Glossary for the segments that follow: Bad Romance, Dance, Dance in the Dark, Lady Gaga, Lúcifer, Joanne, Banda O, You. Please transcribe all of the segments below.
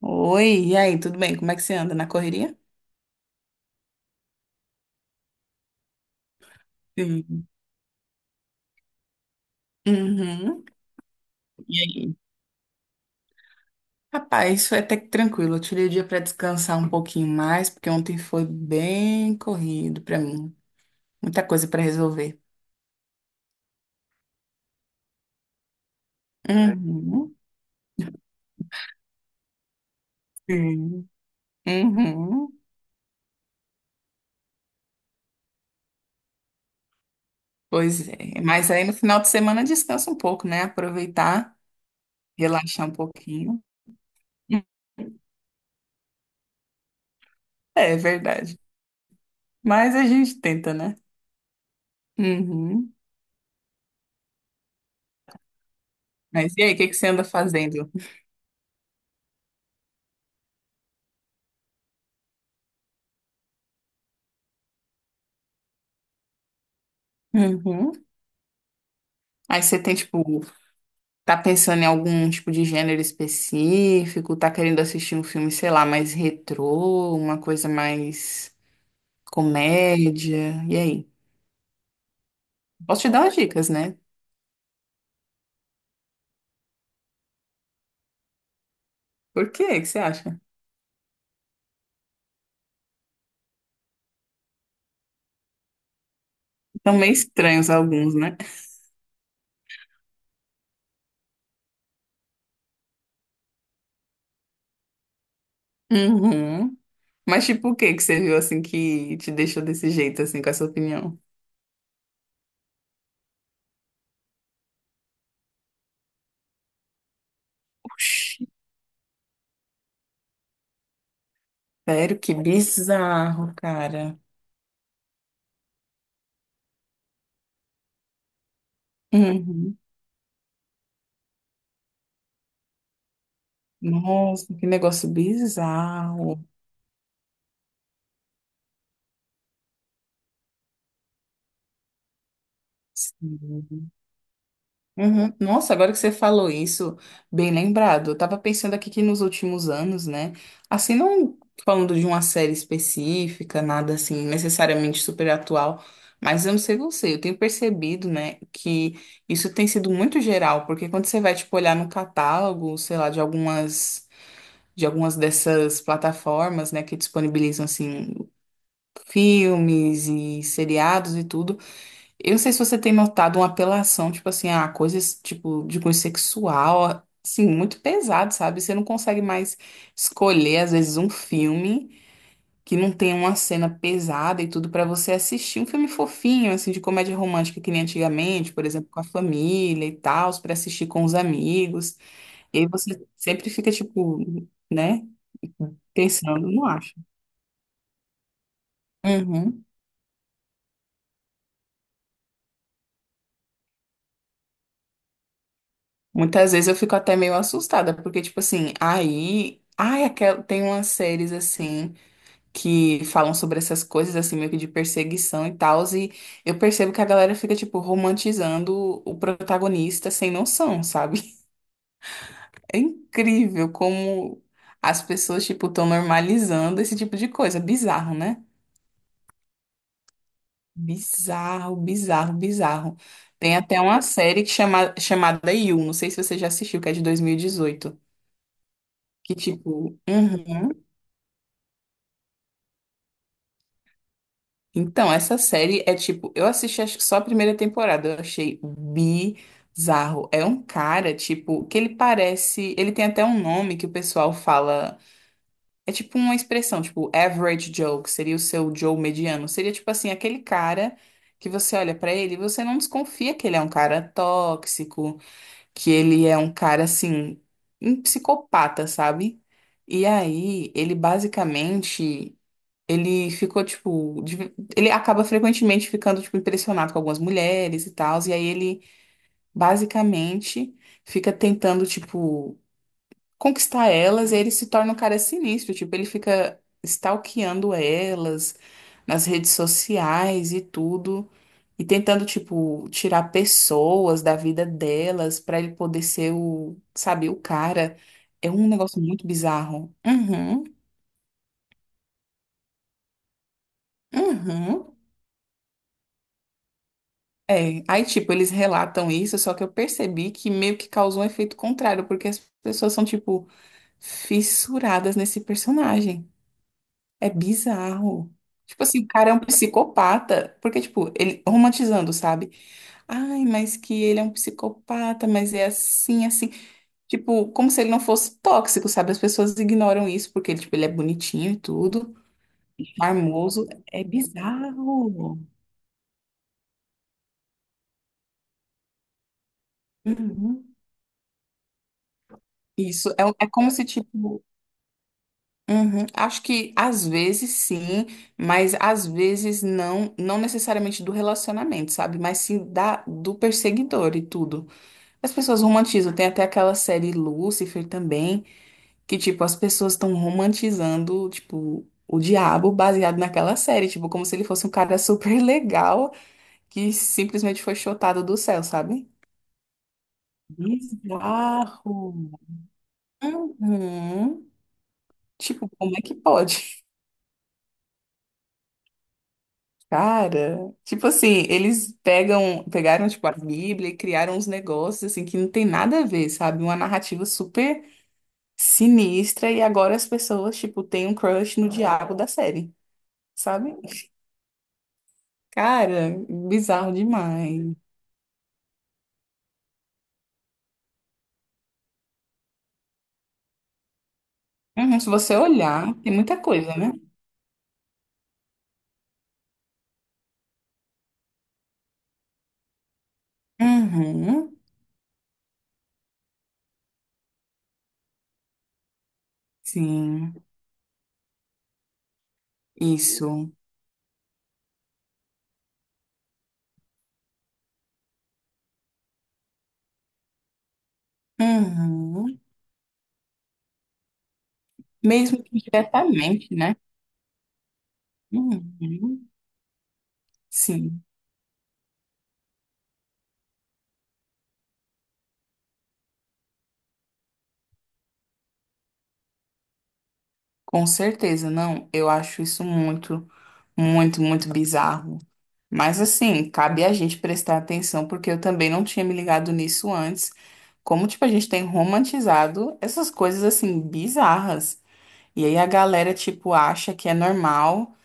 Oi, e aí, tudo bem? Como é que você anda? Na correria? Sim. Uhum. E aí? Rapaz, foi até que tranquilo. Eu tirei o dia para descansar um pouquinho mais, porque ontem foi bem corrido para mim. Muita coisa para resolver. É. Uhum. Sim. Uhum. Pois é. Mas aí no final de semana descansa um pouco, né? Aproveitar, relaxar um pouquinho. É, verdade. Mas a gente tenta, né? Uhum. Mas e aí, o que que você anda fazendo? Uhum. Aí você tem, tipo, tá pensando em algum tipo de gênero específico? Tá querendo assistir um filme, sei lá, mais retrô, uma coisa mais comédia? E aí? Posso te dar umas dicas, né? Por quê? O que você acha? São meio estranhos alguns, né? Uhum. Mas tipo, o que que você viu assim que te deixou desse jeito, assim, com essa opinião? Oxi, sério, que bizarro, cara. Uhum. Nossa, que negócio bizarro. Sim. Uhum. Nossa, agora que você falou isso, bem lembrado. Eu tava pensando aqui que nos últimos anos, né? Assim, não falando de uma série específica, nada assim necessariamente super atual, mas eu não sei você, eu tenho percebido, né, que isso tem sido muito geral, porque quando você vai, tipo, olhar no catálogo, sei lá, de algumas dessas plataformas, né, que disponibilizam, assim, filmes e seriados e tudo. Eu não sei se você tem notado uma apelação, tipo assim, a coisas tipo de cunho sexual, assim, muito pesado, sabe? Você não consegue mais escolher, às vezes, um filme que não tem uma cena pesada e tudo pra você assistir. Um filme fofinho, assim, de comédia romântica, que nem antigamente, por exemplo, com a família e tal, pra assistir com os amigos. E aí você sempre fica, tipo, né, pensando, não acho. Uhum. Muitas vezes eu fico até meio assustada, porque, tipo assim, aí. Ai, tem umas séries assim que falam sobre essas coisas, assim, meio que de perseguição e tal, e eu percebo que a galera fica, tipo, romantizando o protagonista sem noção, sabe? É incrível como as pessoas, tipo, estão normalizando esse tipo de coisa. Bizarro, né? Bizarro, bizarro, bizarro. Tem até uma série que chamada You, não sei se você já assistiu, que é de 2018. Que tipo, uhum. Então, essa série é tipo, eu assisti acho que só a primeira temporada, eu achei bizarro. É um cara, tipo, que ele parece, ele tem até um nome que o pessoal fala, é tipo uma expressão, tipo, average Joe, que seria o seu Joe mediano. Seria tipo assim, aquele cara que você olha pra ele e você não desconfia que ele é um cara tóxico, que ele é um cara assim, um psicopata, sabe? E aí, ele ficou, tipo, ele acaba frequentemente ficando, tipo, impressionado com algumas mulheres e tal, e aí ele basicamente fica tentando, tipo, conquistar elas, e aí ele se torna um cara sinistro, tipo, ele fica stalkeando elas nas redes sociais e tudo, e tentando, tipo, tirar pessoas da vida delas pra ele poder ser o, sabe, o cara. É um negócio muito bizarro. Uhum, uhum. É, aí tipo, eles relatam isso, só que eu percebi que meio que causou um efeito contrário, porque as pessoas são tipo fissuradas nesse personagem. É bizarro. Tipo assim, o cara é um psicopata, porque tipo, ele romantizando, sabe? Ai, mas que ele é um psicopata, mas é assim, assim. Tipo, como se ele não fosse tóxico, sabe? As pessoas ignoram isso porque ele, tipo, ele é bonitinho e tudo, charmoso. É bizarro. Uhum. Isso é, um, é como se tipo. Uhum. Acho que às vezes sim, mas às vezes não, não necessariamente do relacionamento, sabe? Mas sim do perseguidor e tudo. As pessoas romantizam, tem até aquela série Lúcifer também, que tipo, as pessoas estão romantizando, tipo, o diabo baseado naquela série, tipo, como se ele fosse um cara super legal que simplesmente foi chutado do céu, sabe? Bizarro. Uhum. Tipo, como é que pode? Cara, tipo assim, pegaram tipo a Bíblia e criaram uns negócios assim que não tem nada a ver, sabe? Uma narrativa super sinistra e agora as pessoas tipo têm um crush no diabo da série, sabe? Cara, bizarro demais. Uhum, se você olhar, tem muita coisa, né? Uhum, sim, isso. Uhum. Mesmo que diretamente, né? Uhum, sim. Com certeza, não. Eu acho isso muito, muito, muito bizarro. Mas assim, cabe a gente prestar atenção, porque eu também não tinha me ligado nisso antes. Como, tipo, a gente tem romantizado essas coisas assim, bizarras. E aí a galera, tipo, acha que é normal.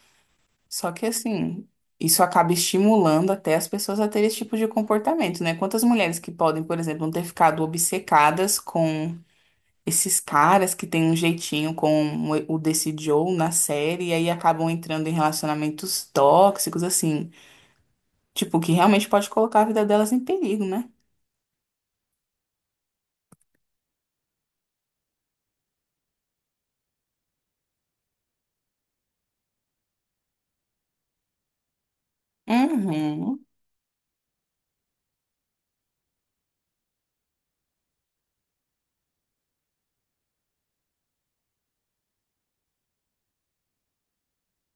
Só que assim, isso acaba estimulando até as pessoas a terem esse tipo de comportamento, né? Quantas mulheres que podem, por exemplo, não ter ficado obcecadas com esses caras que têm um jeitinho com o desse Joe na série e aí acabam entrando em relacionamentos tóxicos, assim, tipo, que realmente pode colocar a vida delas em perigo, né? Uhum,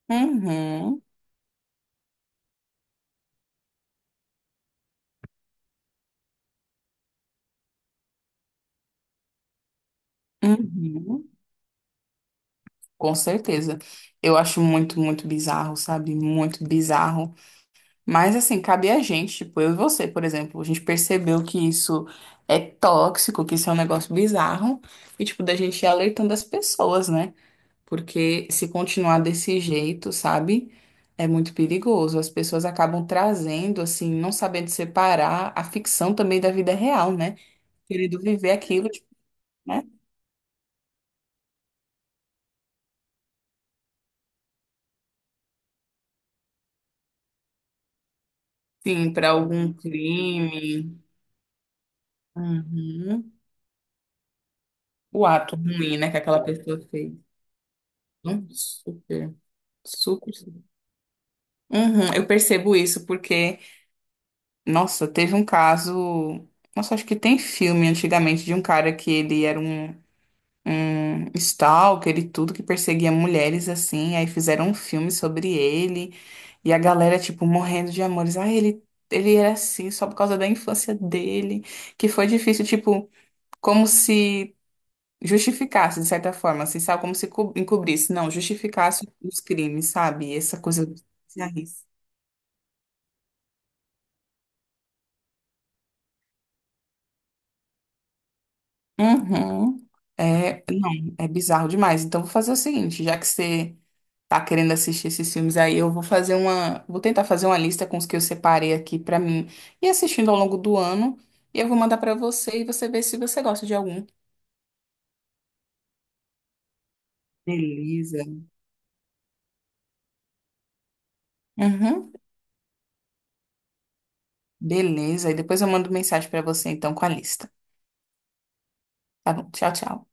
uhum, uhum. Com certeza. Eu acho muito, muito bizarro, sabe? Muito bizarro. Mas, assim, cabe a gente, tipo, eu e você, por exemplo, a gente percebeu que isso é tóxico, que isso é um negócio bizarro, e, tipo, da gente ir alertando as pessoas, né? Porque se continuar desse jeito, sabe? É muito perigoso. As pessoas acabam trazendo, assim, não sabendo separar a ficção também da vida real, né? Querendo viver aquilo, tipo, né? Sim, para algum crime. Uhum. O ato ruim, né, que aquela pessoa fez. Super, super. Super. Uhum, eu percebo isso porque, nossa, teve um caso. Nossa, acho que tem filme antigamente de um cara que ele era um stalker e tudo que perseguia mulheres assim. Aí fizeram um filme sobre ele e a galera, tipo, morrendo de amores. Ah, ele era assim só por causa da infância dele, que foi difícil, tipo, como se justificasse de certa forma, assim, sabe? Como se encobrisse, não, justificasse os crimes, sabe? Essa coisa do bizarrice. Uhum. É, não, é bizarro demais. Então, vou fazer o seguinte, já que você tá querendo assistir esses filmes aí, eu vou fazer uma, vou tentar fazer uma lista com os que eu separei aqui pra mim e assistindo ao longo do ano, e eu vou mandar pra você e você vê se você gosta de algum. Beleza. Uhum. Beleza, e depois eu mando mensagem pra você então com a lista. Tá bom, tchau, tchau.